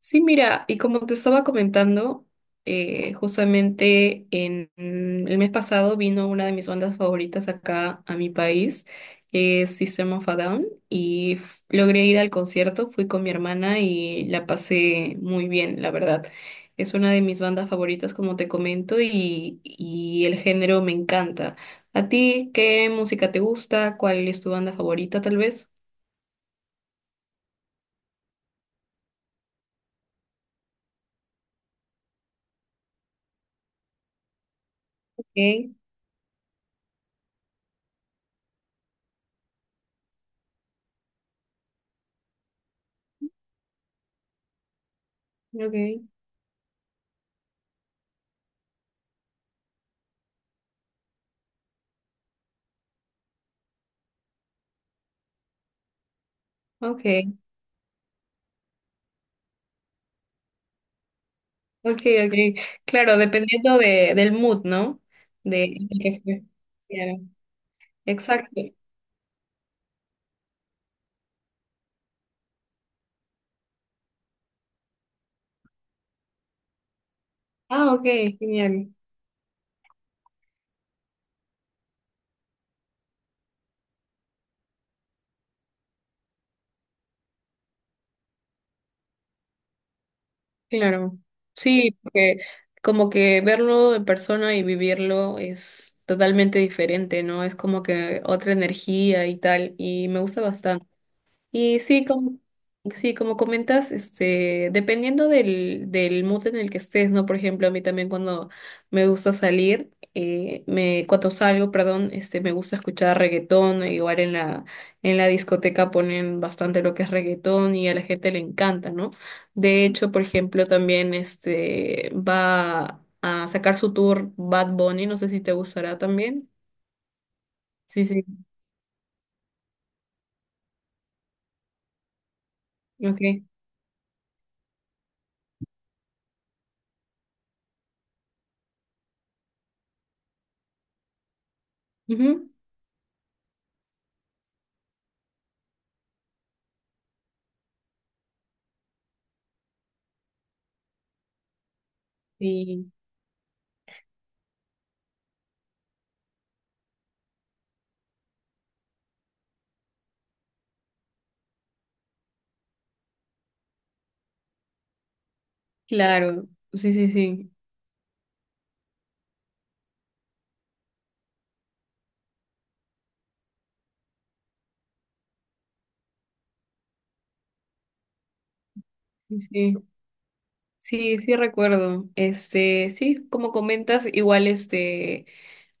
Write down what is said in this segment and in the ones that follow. Sí, mira, y como te estaba comentando, justamente el mes pasado vino una de mis bandas favoritas acá a mi país, que es System of a Down, logré ir al concierto, fui con mi hermana y la pasé muy bien, la verdad. Es una de mis bandas favoritas, como te comento, y el género me encanta. ¿A ti qué música te gusta? ¿Cuál es tu banda favorita, tal vez? Okay, okay, ok. Ok, ok. Claro, dependiendo del mood, ¿no? De en el que esté. Claro. Exacto. Ah, ok, genial. Claro. Sí, porque como que verlo en persona y vivirlo es totalmente diferente, ¿no? Es como que otra energía y tal, y me gusta bastante. Y sí, como comentas, este, dependiendo del mood en el que estés, ¿no? Por ejemplo, a mí también cuando me gusta salir, cuando salgo, perdón, este, me gusta escuchar reggaetón, e igual en la discoteca ponen bastante lo que es reggaetón y a la gente le encanta, ¿no? De hecho, por ejemplo, también este, va a sacar su tour Bad Bunny, no sé si te gustará también. Sí, sí, ok. Ujú. Sí, claro. Sí, sí, sí. Sí, sí, sí sí recuerdo. Este, sí, como comentas, igual este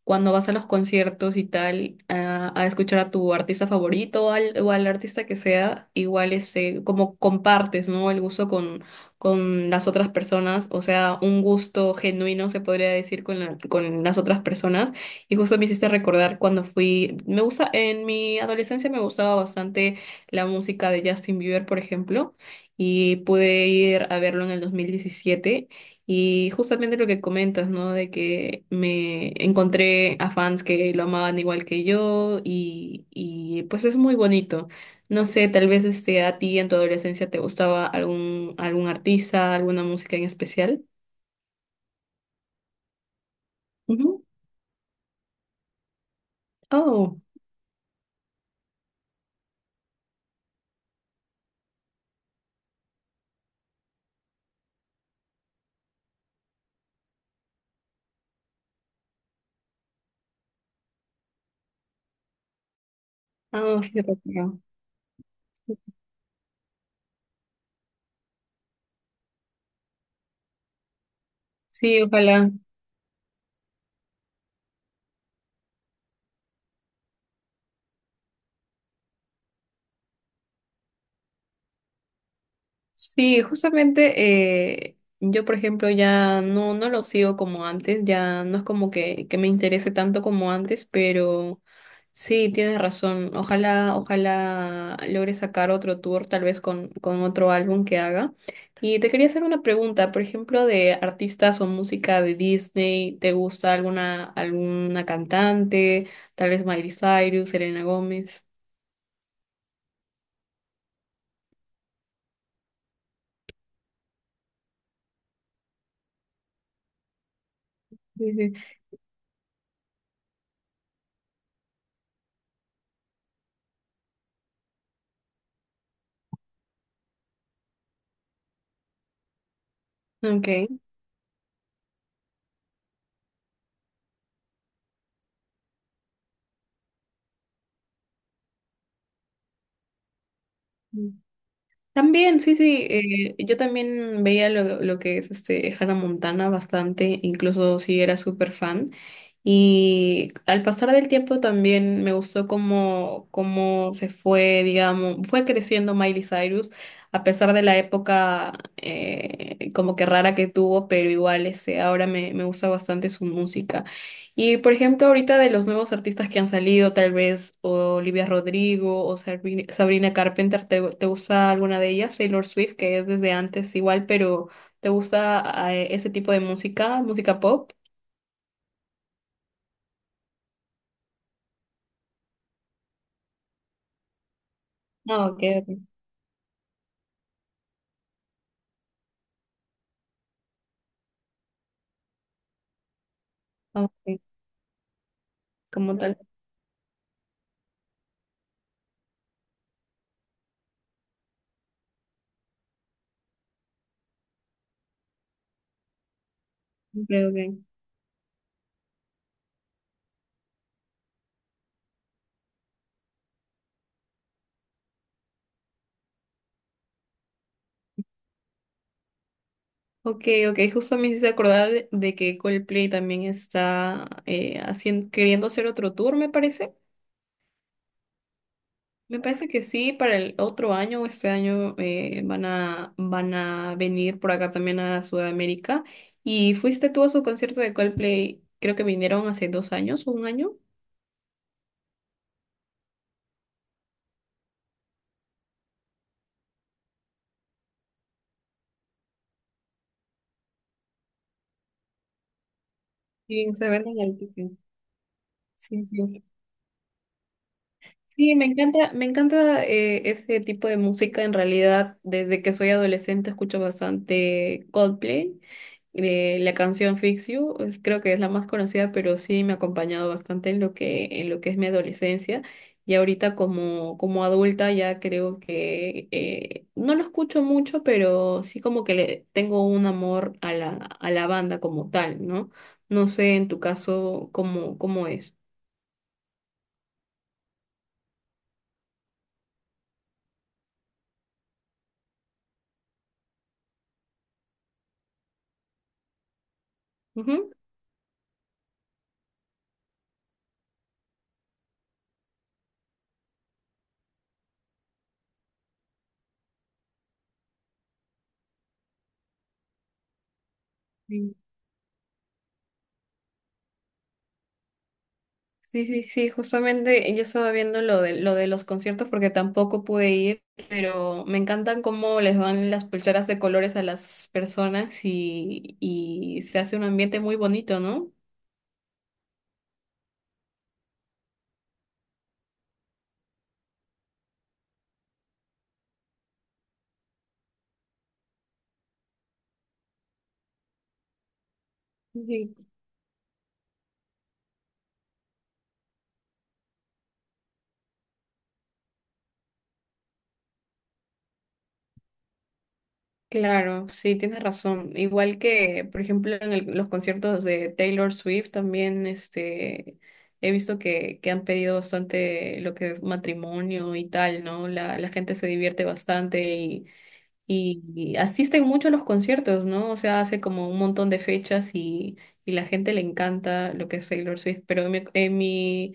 cuando vas a los conciertos y tal, a escuchar a tu artista favorito o o al artista que sea, igual este, como compartes, ¿no? El gusto con las otras personas, o sea, un gusto genuino se podría decir con con las otras personas. Y justo me hiciste recordar cuando fui, me gusta, en mi adolescencia me gustaba bastante la música de Justin Bieber, por ejemplo, y pude ir a verlo en el 2017. Y justamente lo que comentas, ¿no? De que me encontré a fans que lo amaban igual que yo y pues es muy bonito. No sé, tal vez este, a ti en tu adolescencia te gustaba algún artista, alguna música en especial. Ujú. Oh, ah, sí, recuerdo. Sí, ojalá. Sí, justamente yo, por ejemplo, no lo sigo como antes, ya no es como que me interese tanto como antes, pero sí, tienes razón. Ojalá, ojalá logre sacar otro tour, tal vez con otro álbum que haga. Y te quería hacer una pregunta, por ejemplo, de artistas o música de Disney, ¿te gusta alguna cantante? Tal vez Miley Cyrus, Selena Gómez. Sí, sí. Ok. También, sí, sí, yo también veía lo que es este Hannah Montana bastante, incluso sí era súper fan. Y al pasar del tiempo también me gustó cómo se fue, digamos, fue creciendo Miley Cyrus, a pesar de la época como que rara que tuvo, pero igual ese, ahora me gusta bastante su música. Y por ejemplo, ahorita de los nuevos artistas que han salido, tal vez Olivia Rodrigo o Sabrina Carpenter, ¿ te gusta alguna de ellas? Taylor Swift, que es desde antes igual, pero ¿te gusta ese tipo de música? ¿Música pop? No, ok, ok. Ah, ok, como tal. Ok, ok. Ok, ok, justo me hice acordar de que Coldplay también está queriendo hacer otro tour, me parece. Me parece que sí, para el otro año o este año van van a venir por acá también a Sudamérica. ¿Y fuiste tú a su concierto de Coldplay? Creo que vinieron hace dos años o un año. Sí se venden el ticket. Sí, sí. Sí, me encanta ese tipo de música. En realidad, desde que soy adolescente escucho bastante Coldplay. La canción Fix You, creo que es la más conocida, pero sí me ha acompañado bastante en lo en lo que es mi adolescencia. Y ahorita como, como adulta ya creo que no lo escucho mucho, pero sí como que le tengo un amor a a la banda como tal, ¿no? No sé en tu caso cómo, cómo es. Ujú. Sí, sí, sí, justamente yo estaba viendo lo de los conciertos porque tampoco pude ir, pero me encantan cómo les dan las pulseras de colores a las personas y se hace un ambiente muy bonito, ¿no? Sí, claro, sí, tienes razón. Igual que, por ejemplo, en los conciertos de Taylor Swift también, este, he visto que han pedido bastante lo que es matrimonio y tal, ¿no? La gente se divierte bastante. Y asisten mucho a los conciertos, ¿no? O sea, hace como un montón de fechas y la gente le encanta lo que es Taylor Swift, pero en en mi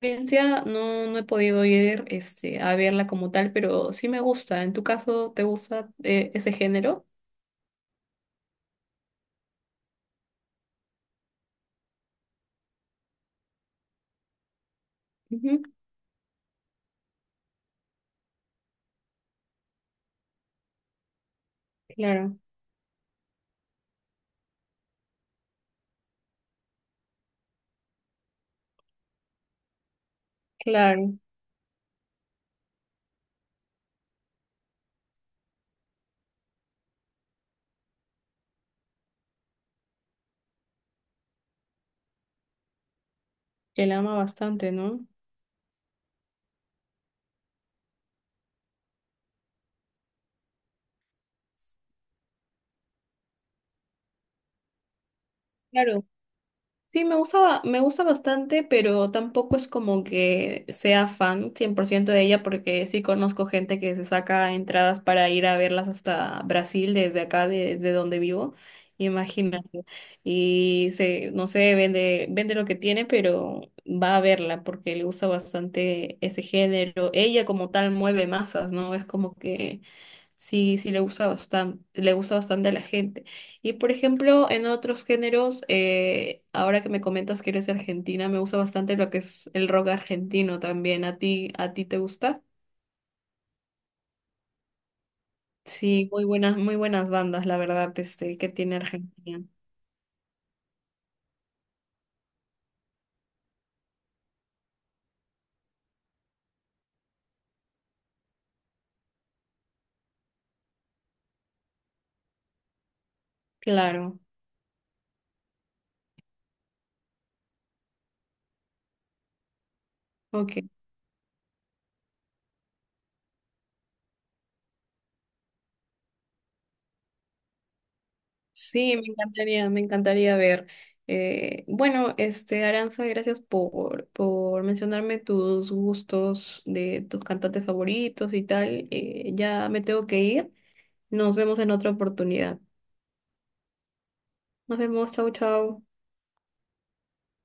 experiencia no he podido ir este, a verla como tal, pero sí me gusta. ¿En tu caso te gusta ese género? Ujú. Claro, claro, que la ama bastante, ¿no? Claro, sí, me gusta bastante, pero tampoco es como que sea fan 100% de ella, porque sí conozco gente que se saca entradas para ir a verlas hasta Brasil, desde acá, desde donde vivo, imagínate. Y se, no sé, vende, vende lo que tiene, pero va a verla porque le gusta bastante ese género. Ella como tal mueve masas, ¿no? Es como que sí, sí, le gusta bastante a la gente. Y por ejemplo, en otros géneros, ahora que me comentas que eres de Argentina, me gusta bastante lo que es el rock argentino también. A ti te gusta? Sí, muy buenas bandas, la verdad, este, que tiene Argentina. Claro, ok. Sí, me encantaría ver. Bueno, este, Aranza, gracias por mencionarme tus gustos de tus cantantes favoritos y tal. Ya me tengo que ir. Nos vemos en otra oportunidad. Nos vemos, chau, chau.